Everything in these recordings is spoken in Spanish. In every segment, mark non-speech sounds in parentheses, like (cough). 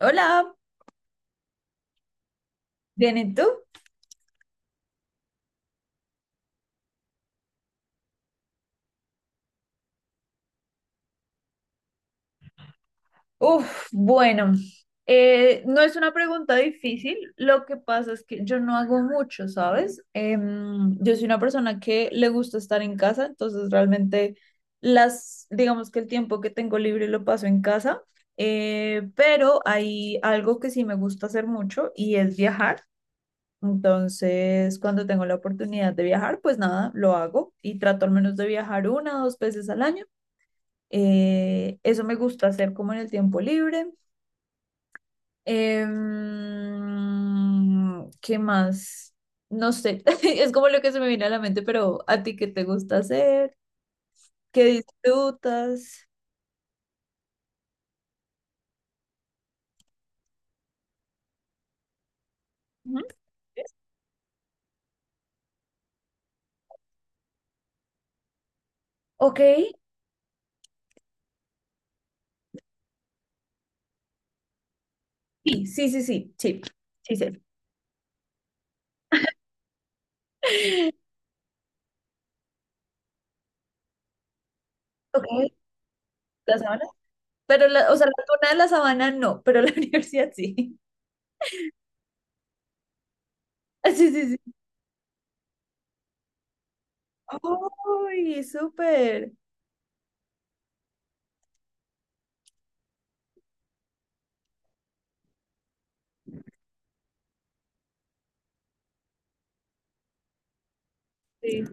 Hola, ¿bien y tú? Uf, bueno, no es una pregunta difícil, lo que pasa es que yo no hago mucho, ¿sabes? Yo soy una persona que le gusta estar en casa, entonces realmente las, digamos que el tiempo que tengo libre lo paso en casa, pero hay algo que sí me gusta hacer mucho y es viajar. Entonces, cuando tengo la oportunidad de viajar, pues nada, lo hago y trato al menos de viajar una o dos veces al año. Eso me gusta hacer como en el tiempo libre. ¿Qué más? No sé, (laughs) es como lo que se me viene a la mente, pero ¿a ti qué te gusta hacer? ¿Qué disfrutas? Ujú. Ok, sí, sí, sí, sí, sí, sí, sé. (laughs) Ok, la sabana. Pero, la, o sea, la tuna de la sabana no, pero la (laughs) universidad sí. Ah, sí, sí, sí. ¡Ay, súper! Sí.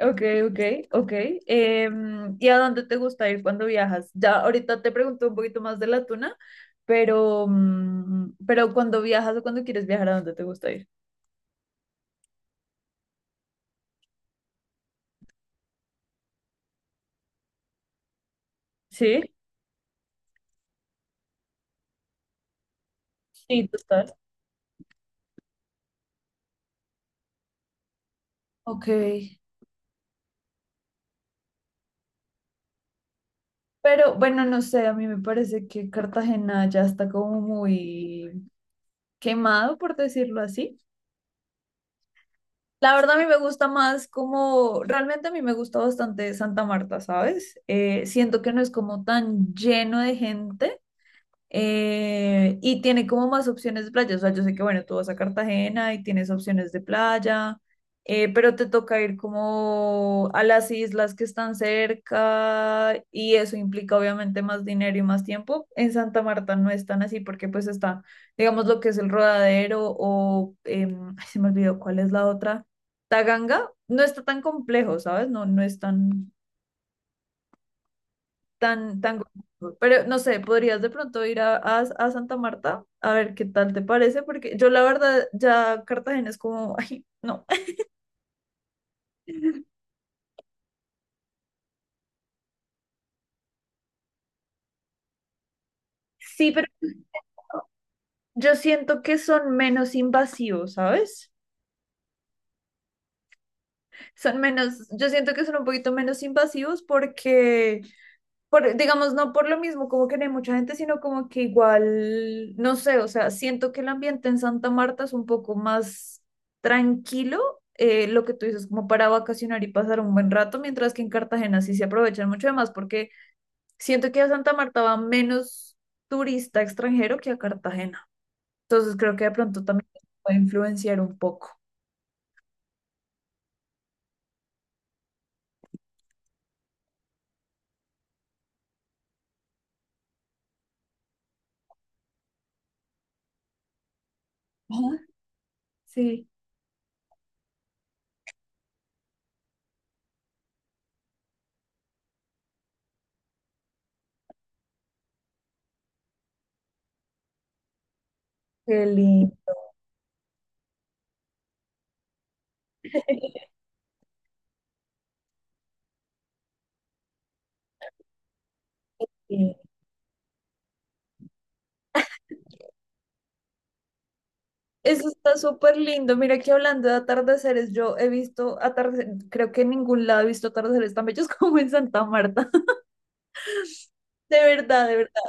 Ok, ok, ok. ¿Y a dónde te gusta ir cuando viajas? Ya ahorita te pregunto un poquito más de la tuna, pero, pero cuando viajas o cuando quieres viajar, ¿a dónde te gusta ir? Sí, sí, total. Ok. Pero bueno, no sé, a mí me parece que Cartagena ya está como muy quemado, por decirlo así. La verdad, a mí me gusta más como, realmente a mí me gusta bastante Santa Marta, ¿sabes? Siento que no es como tan lleno de gente y tiene como más opciones de playa. O sea, yo sé que, bueno, tú vas a Cartagena y tienes opciones de playa, pero te toca ir como a las islas que están cerca y eso implica obviamente más dinero y más tiempo. En Santa Marta no es tan así porque pues está, digamos, lo que es el Rodadero o, ay, se me olvidó cuál es la otra, Taganga. No está tan complejo, ¿sabes? No, no es tan tan, tan costoso. Pero no sé, podrías de pronto ir a, a Santa Marta a ver qué tal te parece, porque yo la verdad ya Cartagena es como, ay, no. (laughs) Yo siento que son menos invasivos, ¿sabes? Son menos, yo siento que son un poquito menos invasivos porque digamos, no por lo mismo, como que no hay mucha gente, sino como que igual, no sé, o sea, siento que el ambiente en Santa Marta es un poco más tranquilo, lo que tú dices, como para vacacionar y pasar un buen rato, mientras que en Cartagena sí se aprovechan mucho más, porque siento que a Santa Marta va menos turista extranjero que a Cartagena. Entonces creo que de pronto también puede influenciar un poco. Ajá. Sí, qué lindo. (laughs) Eso está súper lindo. Mira que hablando de atardeceres, yo he visto atardeceres, creo que en ningún lado he visto atardeceres tan bellos (laughs) como en Santa Marta. De verdad, de verdad.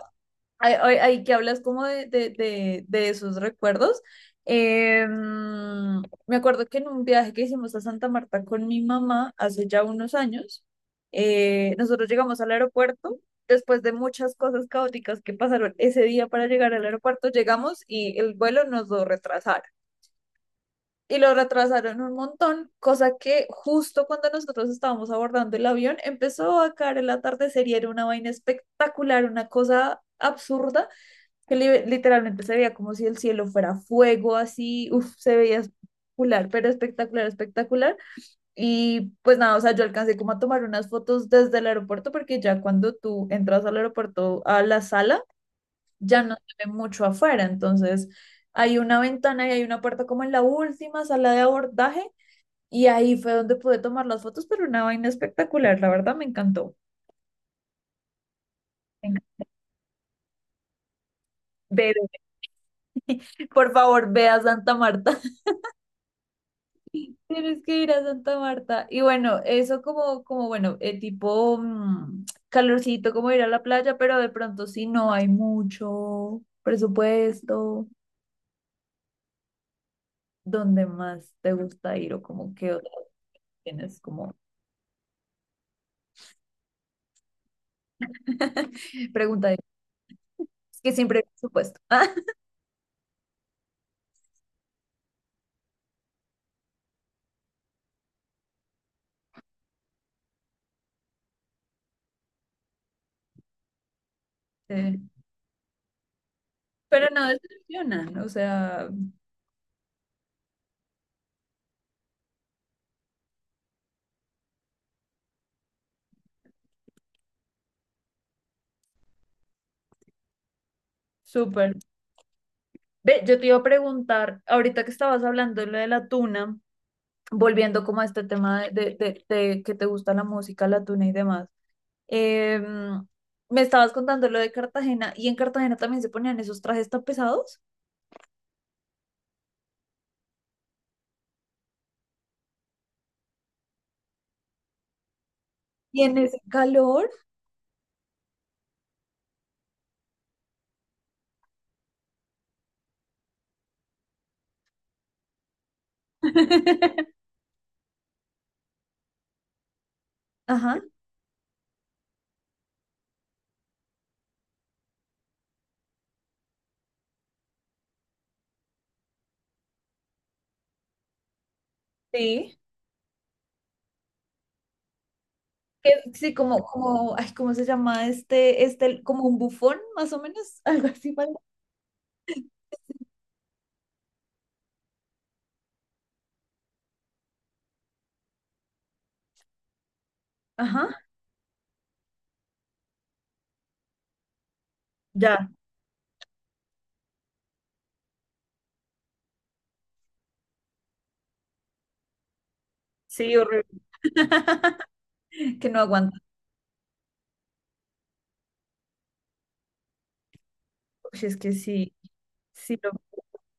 Ay, ay, ay, que hablas como de esos recuerdos. Me acuerdo que en un viaje que hicimos a Santa Marta con mi mamá hace ya unos años, nosotros llegamos al aeropuerto. Después de muchas cosas caóticas que pasaron ese día para llegar al aeropuerto, llegamos y el vuelo nos lo retrasaron. Y lo retrasaron un montón, cosa que justo cuando nosotros estábamos abordando el avión empezó a caer el atardecer y era una vaina espectacular, una cosa absurda, que literalmente se veía como si el cielo fuera fuego, así, uff, se veía espectacular, pero espectacular, espectacular. Y pues nada, o sea, yo alcancé como a tomar unas fotos desde el aeropuerto, porque ya cuando tú entras al aeropuerto, a la sala, ya no se ve mucho afuera, entonces hay una ventana y hay una puerta como en la última sala de abordaje y ahí fue donde pude tomar las fotos, pero una vaina espectacular, la verdad me encantó. Me enc- Ve, ve. (laughs) Por favor, ve a Santa Marta. (laughs) Tienes que ir a Santa Marta. Y bueno, eso como, como bueno, tipo calorcito, como ir a la playa, pero de pronto si no hay mucho presupuesto, ¿dónde más te gusta ir o como qué otra tienes como (laughs) pregunta? Es que siempre hay presupuesto. (laughs) Sí. Pero no decepcionan, o sea, súper. Ve, yo te iba a preguntar, ahorita que estabas hablando de lo de la tuna, volviendo como a este tema de, de que te gusta la música, la tuna y demás, em, me estabas contando lo de Cartagena y en Cartagena también se ponían esos trajes tan pesados y en ese calor, (laughs) ajá, sí. Que sí, como, como, ay, ¿cómo se llama este, este, como un bufón más o menos, (laughs) algo así, ¿vale? Ajá, ya. Sí, horrible. (laughs) Que no aguanta. Uy, es que sí, sí,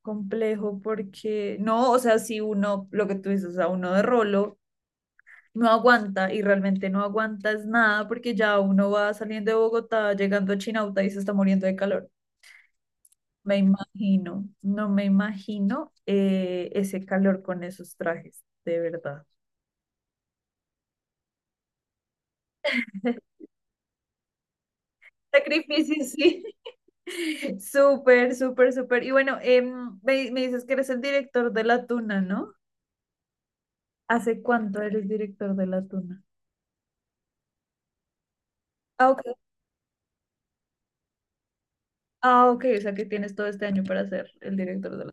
complejo porque no, o sea, si uno, lo que tú dices, o sea uno de rolo no aguanta y realmente no aguanta es nada porque ya uno va saliendo de Bogotá, llegando a Chinauta y se está muriendo de calor. Me imagino, no me imagino ese calor con esos trajes, de verdad. (laughs) Sacrificio, sí. (laughs) Súper, súper, súper. Y bueno, me, me dices que eres el director de La Tuna, ¿no? ¿Hace cuánto eres director de La Tuna? Ah, ok, ah, ok, o sea que tienes todo este año para ser el director de la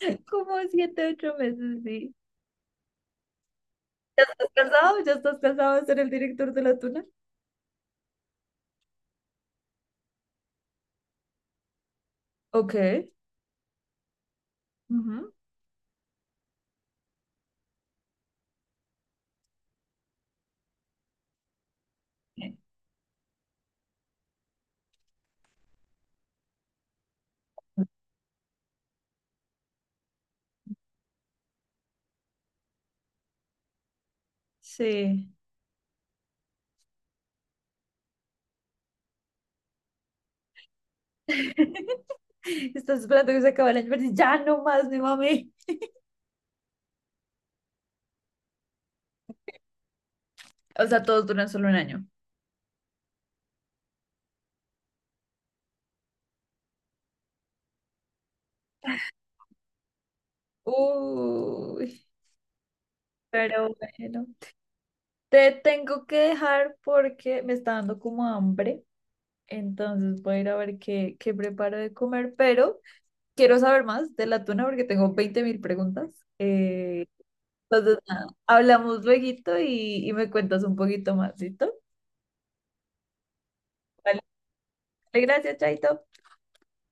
(laughs) como siete, ocho meses, sí. ¿Ya estás casado? ¿Ya estás casado de ser el director de la tuna? Ok. Ujú. Eh, Sí. (laughs) Estás esperando que se acabe el año, pero dices, ya no más, mi mami. O sea, todos duran solo un año. Uy, pero bueno. Te tengo que dejar porque me está dando como hambre. Entonces voy a ir a ver qué, qué preparo de comer, pero quiero saber más de la tuna porque tengo 20.000 preguntas. Eh, entonces, nada, hablamos lueguito y me cuentas un poquito más, ¿listo? Vale, gracias, Chaito.